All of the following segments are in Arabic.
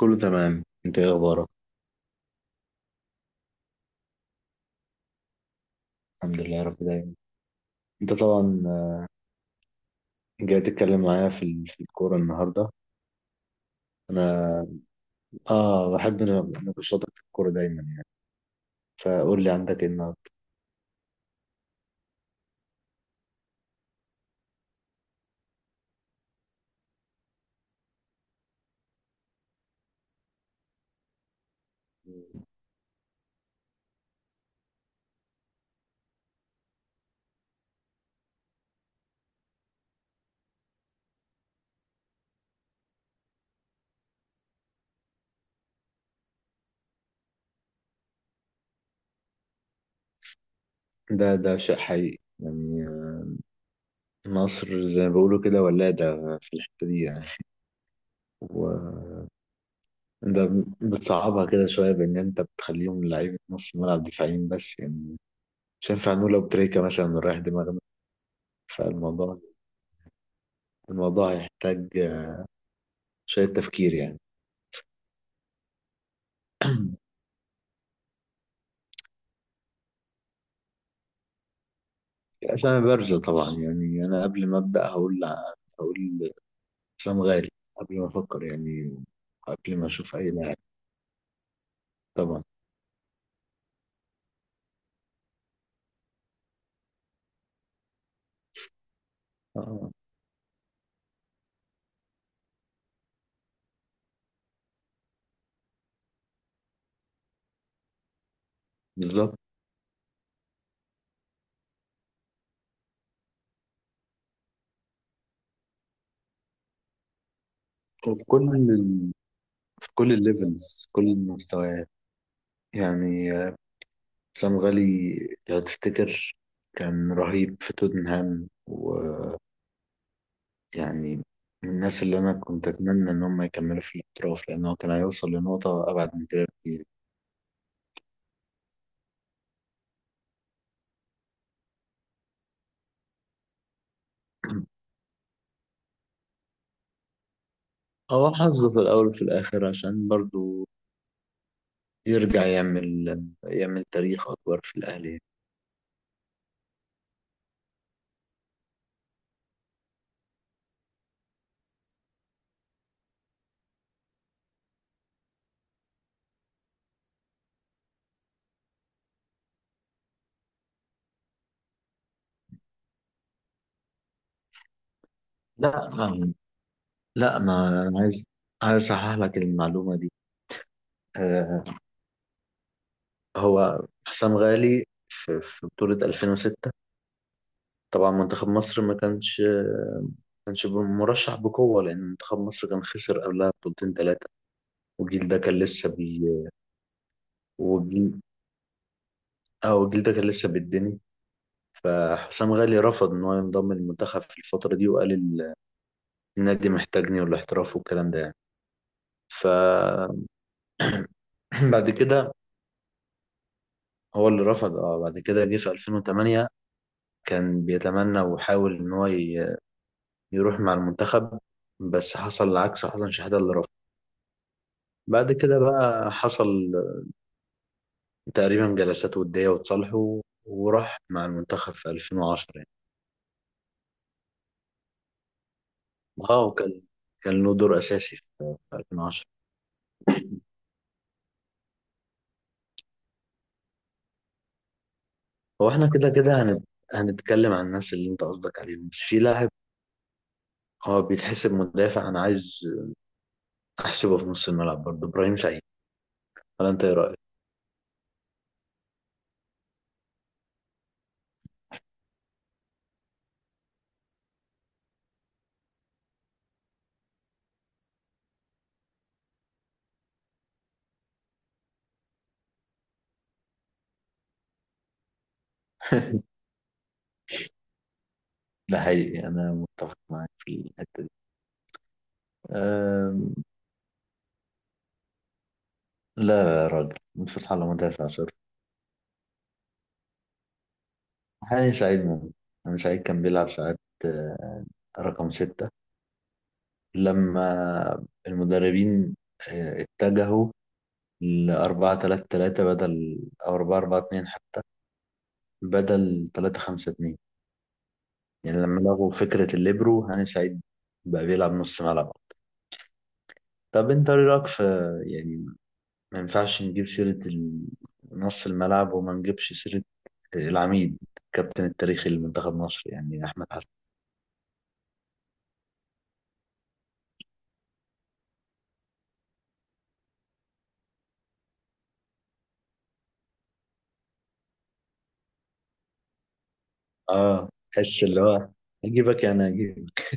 كله تمام، انت ايه اخبارك؟ الحمد لله يا رب دايما. انت طبعا جاي تتكلم معايا في الكوره النهارده. انا اه بحب نقاشاتك في الكوره دايما يعني، فقول لي عندك ايه النهارده؟ ده شيء حقيقي يعني، مصر زي ما بيقولوا كده ولاده في الحته دي يعني. وانت بتصعبها كده شويه، بان انت بتخليهم لعيبه نص ملعب دفاعيين بس يعني. مش هينفع نقول لو تريكه مثلا رايح دماغنا. فالموضوع الموضوع هيحتاج شويه تفكير يعني. أسامي بارزة طبعا يعني. أنا قبل ما أبدأ هقول، هقول حسام غالي، قبل ما أفكر يعني، قبل ما أشوف أي لاعب. طبعا. آه، بالظبط. وفي كل ال... في كل الليفلز، كل المستويات يعني، حسام غالي لو تفتكر كان رهيب في توتنهام، ويعني من الناس اللي أنا كنت أتمنى إن هم يكملوا في الاحتراف، لأن هو كان هيوصل لنقطة أبعد من كده بكتير. هو حظه في الأول وفي الآخر عشان برضو يرجع يعمل تاريخ أكبر في الأهلي. لا، لا، ما أنا عايز، أصحح لك المعلومة دي. آه، هو حسام غالي في بطولة 2006 طبعا منتخب مصر ما كانش، مرشح بقوة، لأن منتخب مصر كان خسر قبلها بطولتين ثلاثة، والجيل ده كان لسه بي والجيل اه والجيل ده كان لسه بيتبني. فحسام غالي رفض إن هو ينضم للمنتخب في الفترة دي، وقال النادي محتاجني والاحتراف والكلام ده يعني. ف بعد كده هو اللي رفض. اه بعد كده جه في 2008 كان بيتمنى وحاول ان هو يروح مع المنتخب، بس حصل العكس، حسن شحاتة اللي رفض. بعد كده بقى حصل تقريبا جلسات ودية وتصالحوا، وراح مع المنتخب في 2010 يعني. اه وكان له دور اساسي في 2010. هو احنا كده كده هنتكلم عن الناس اللي انت قصدك عليهم، بس في لاعب هو بيتحسب مدافع، انا عايز احسبه في نص الملعب برضه، ابراهيم سعيد. ولا انت ايه رايك؟ ده حقيقي، أنا متفق معاك في الحتة دي. أم... لا يا راجل، فتحي الله مدافع صفر. حاليا سعيد ممكن. أنا سعيد كان بيلعب ساعات آه، رقم ستة لما المدربين اتجهوا لأربعة تلاتة تلاتة، بدل أو أربعة أربعة اتنين حتى، بدل تلاتة خمسة اتنين يعني. لما لغوا فكرة الليبرو، هاني سعيد بقى بيلعب نص ملعب. طب أنت إيه رأيك في، يعني ما ينفعش نجيب سيرة نص الملعب وما نجيبش سيرة العميد، الكابتن التاريخي لمنتخب مصر يعني، أحمد حسن. آه، تحس اللي هو، أجيبك يعني، أجيبك.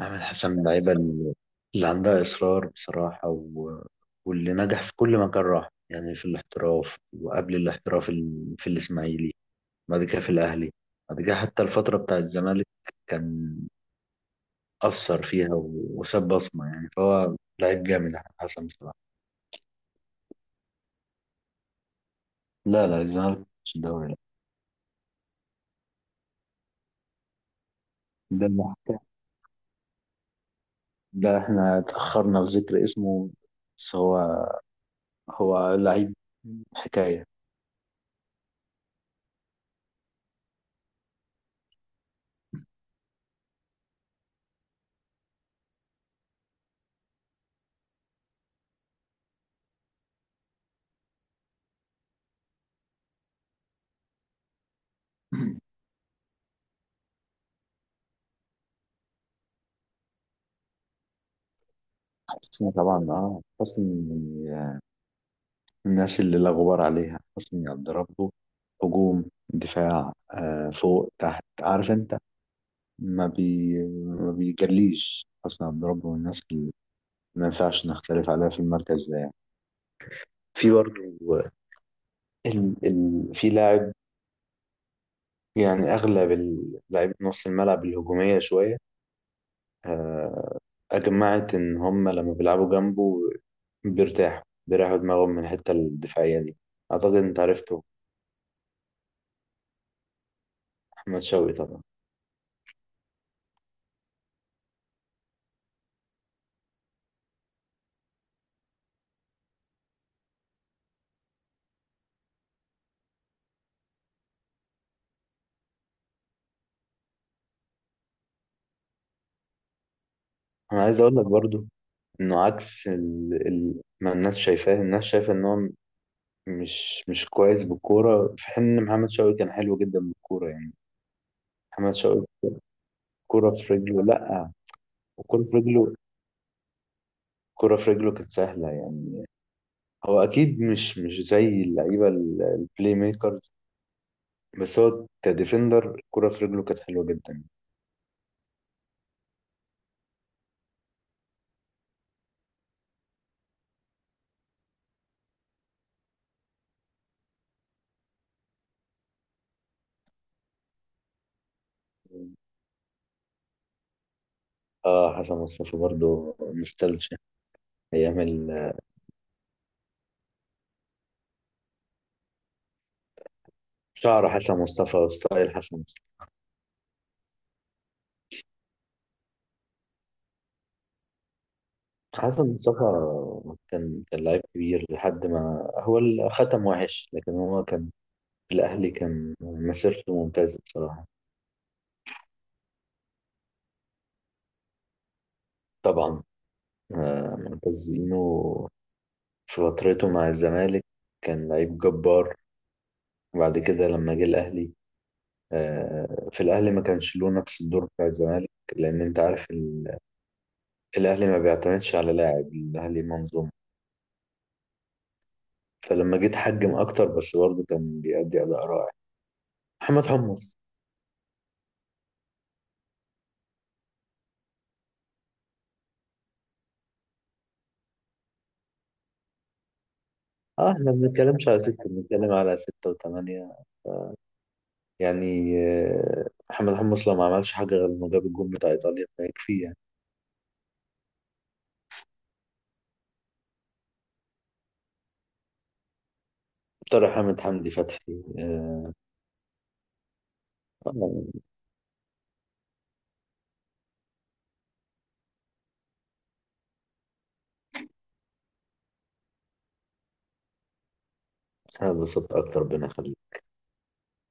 أحمد حسن من اللعيبة اللي عندها إصرار بصراحة، واللي نجح في كل مكان راح يعني، في الاحتراف وقبل الاحتراف، في الإسماعيلي، بعد كده في الأهلي، بعد كده حتى الفترة بتاعة الزمالك كان أثر فيها، وساب بصمة يعني. فهو لعيب جامد أحمد حسن بصراحة. لا لا، الزمالك مش الدوري، لا. ده اللي حكى، ده احنا اتأخرنا في ذكر اسمه، بس هو لعيب حكاية. حسني طبعا. اه حسني من الناس اللي لا غبار عليها. حسني عبد ربه هجوم دفاع، فوق تحت، عارف انت. ما بي ما بيجليش. حسني عبد ربه من الناس اللي ما ينفعش نختلف عليها في المركز ده يعني. في برضه ال... في لاعب يعني، أغلب اللاعبين نص الملعب الهجومية شوية، آه، أجمعت إن هم لما بيلعبوا جنبه بيرتاحوا، بيريحوا دماغهم من الحتة الدفاعية دي. أعتقد أنت عرفته، أحمد شوقي طبعا. أنا عايز أقول لك برضو إنه عكس ما الناس شايفاه. الناس شايفة إن هو مش كويس بالكورة، في حين إن محمد شوقي كان حلو جدا بالكورة يعني. محمد شوقي، كورة في رجله لأ، الكورة في رجله، كانت سهلة يعني. هو اكيد مش زي اللعيبه البلاي ميكرز، بس هو كديفندر الكرة في رجله كانت حلوه جدا. اه حسن مصطفى برضو نوستالجيا ايام ال- شعر حسن مصطفى وستايل حسن مصطفى. حسن مصطفى كان، لعيب كبير. لحد ما هو ختم وحش، لكن هو كان في الاهلي كان مسيرته ممتازه بصراحه. طبعا. معتز اينو في فترته مع الزمالك كان لعيب جبار، وبعد كده لما جه الاهلي، في الأهلي ما كانش له نفس الدور بتاع الزمالك، لأن أنت عارف الأهلي ما بيعتمدش على لاعب، الأهلي منظومة. فلما جيت حجم أكتر، بس برضه كان بيأدي أداء رائع. محمد حمص. اه احنا ما بنتكلمش على ستة، بنتكلم على ستة وثمانية يعني. محمد حمص لو ما عملش حاجة غير انه جاب الجون بتاع ايطاليا فيكفي يعني. طارق حامد، حمدي فتحي، آه، انا اتبسطت اكتر بنا.